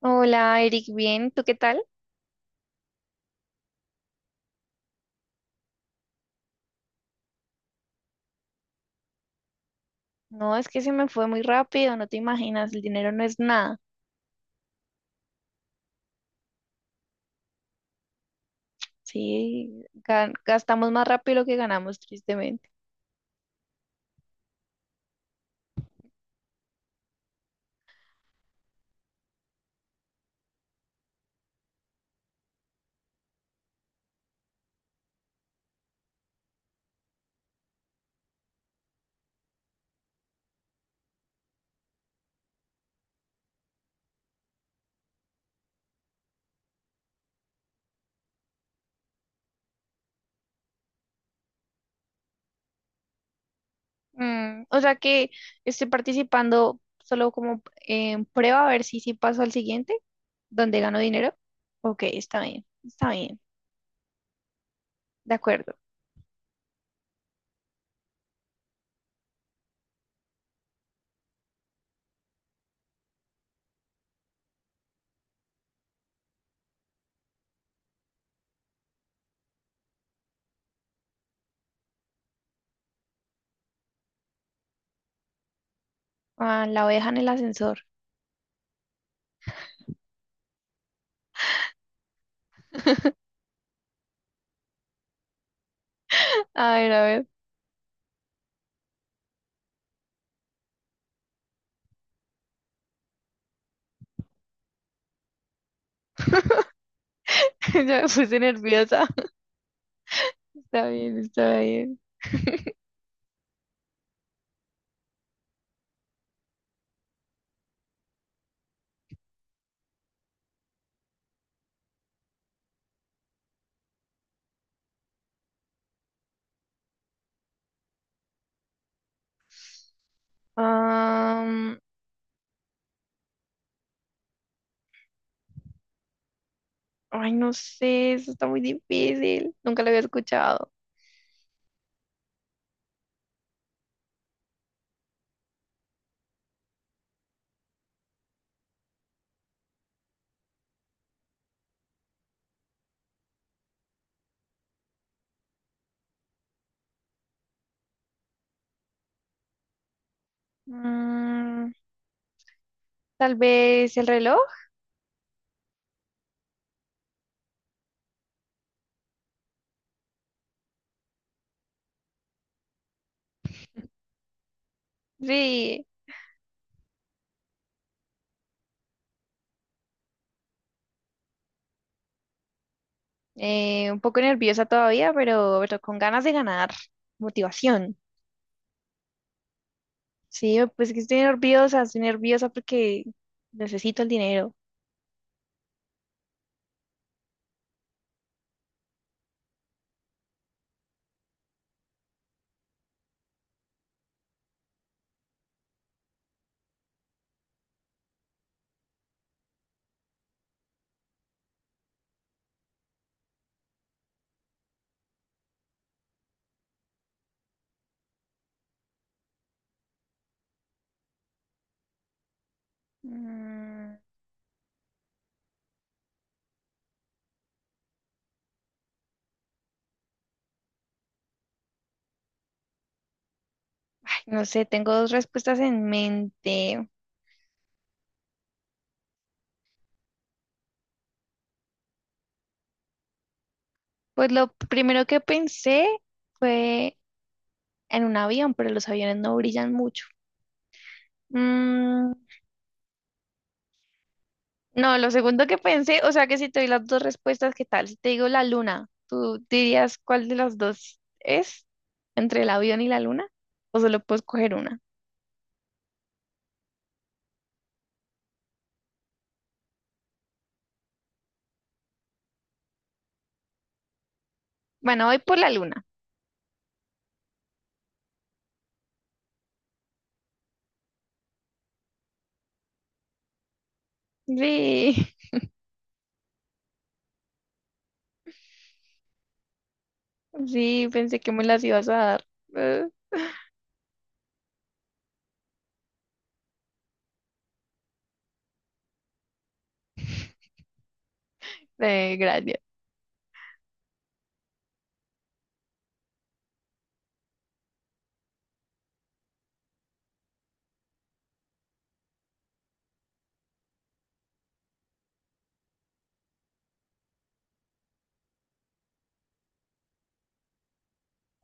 Hola, Eric, bien, ¿tú qué tal? No, es que se me fue muy rápido, no te imaginas, el dinero no es nada. Sí, gastamos más rápido lo que ganamos, tristemente. O sea que estoy participando solo como en prueba a ver si sí paso al siguiente, donde gano dinero. Ok, está bien, de acuerdo. Ah, la oveja en el ascensor. A ver, ya me puse nerviosa. Está bien, está bien. Ay, no sé, eso está muy difícil. Nunca lo había escuchado. Mm, Tal vez el reloj. Sí, un poco nerviosa todavía, pero con ganas de ganar. Motivación. Sí, pues que estoy nerviosa porque necesito el dinero. Mm, Ay, no sé, tengo dos respuestas en mente. Pues lo primero que pensé fue en un avión, pero los aviones no brillan mucho. Mm, No, lo segundo que pensé, o sea que si te doy las dos respuestas, ¿qué tal? Si te digo la luna, ¿tú dirías cuál de las dos es? ¿Entre el avión y la luna? ¿O solo puedes coger una? Bueno, voy por la luna. Sí, sí, pensé que me las ibas a dar. Eh, gracias.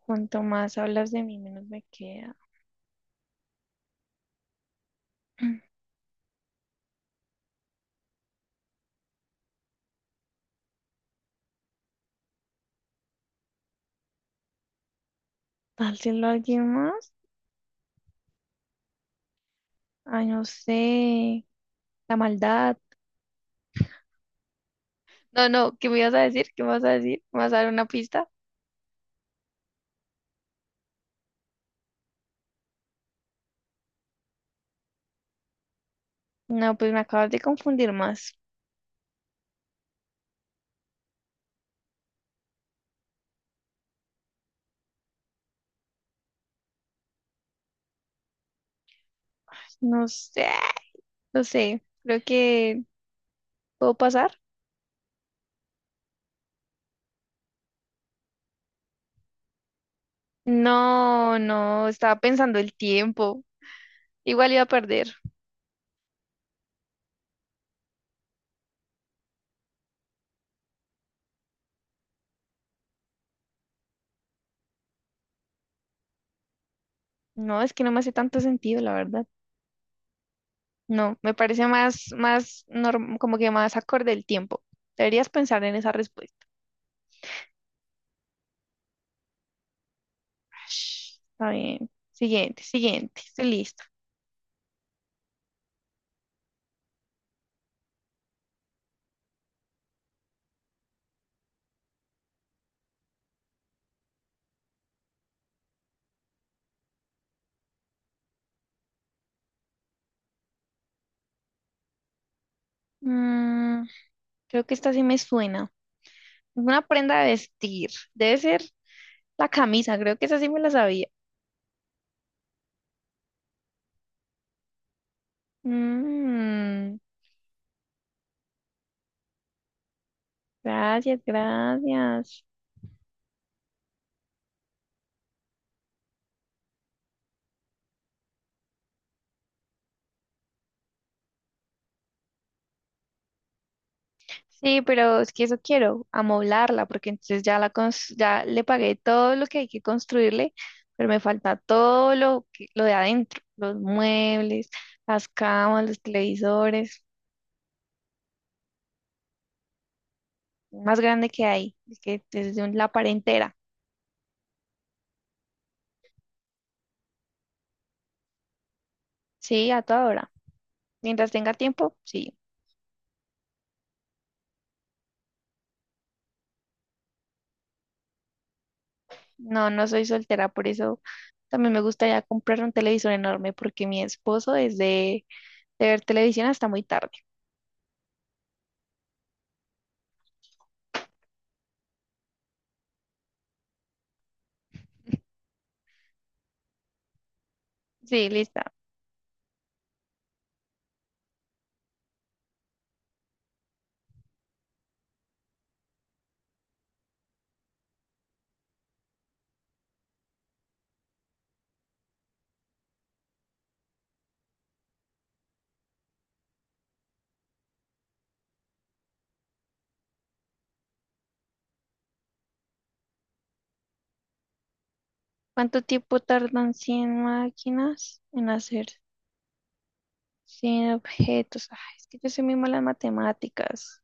Cuanto más hablas de mí, menos me queda. ¿Dárselo a alguien más? Ay, no sé. La maldad. No, no, ¿qué me ibas a decir? ¿Qué me vas a decir? ¿Me vas a dar una pista? No, pues me acabas de confundir más. No sé. No sé, creo que puedo pasar. No, no, estaba pensando el tiempo. Igual iba a perder. No, es que no me hace tanto sentido, la verdad. No, me parece más, más, como que más acorde el tiempo. Deberías pensar en esa respuesta. Shh, está bien. Siguiente, siguiente. Estoy listo. Mm, Creo que esta sí me suena. Una prenda de vestir. Debe ser la camisa. Creo que esa sí me la sabía. Mm, Gracias, gracias. Sí, pero es que eso quiero, amoblarla, porque entonces ya ya le pagué todo lo que hay que construirle, pero me falta todo lo de adentro, los muebles, las camas, los televisores, más grande que hay, es que la pared entera, sí, a toda hora. Mientras tenga tiempo, sí. No, no soy soltera, por eso también me gustaría comprar un televisor enorme, porque mi esposo es de ver televisión hasta muy tarde. Sí, listo. ¿Cuánto tiempo tardan 100 máquinas en hacer 100 objetos? Ay, es que yo soy muy mala en matemáticas.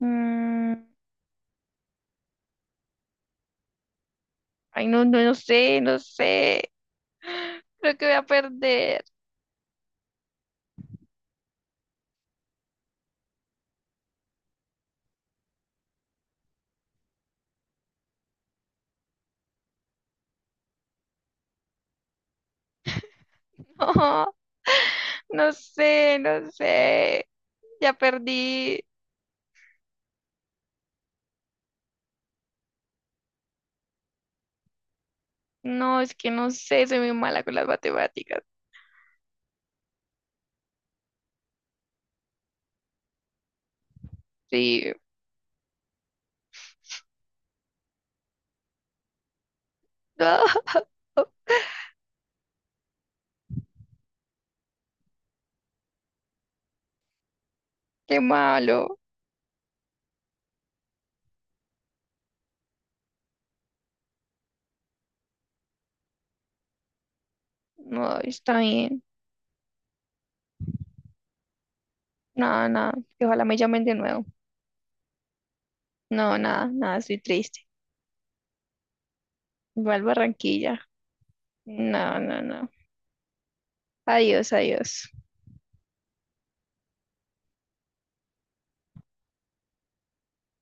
Mm, ay, no, no, no sé, no sé. Creo que voy a perder. No, no sé, no sé. Ya perdí. No, es que no sé, soy muy mala con las matemáticas. Sí. Ah, qué malo. No, está bien. Nada, nada, que ojalá me llamen de nuevo. No, nada, nada, estoy triste. Igual Barranquilla. No, no, no. Adiós, adiós.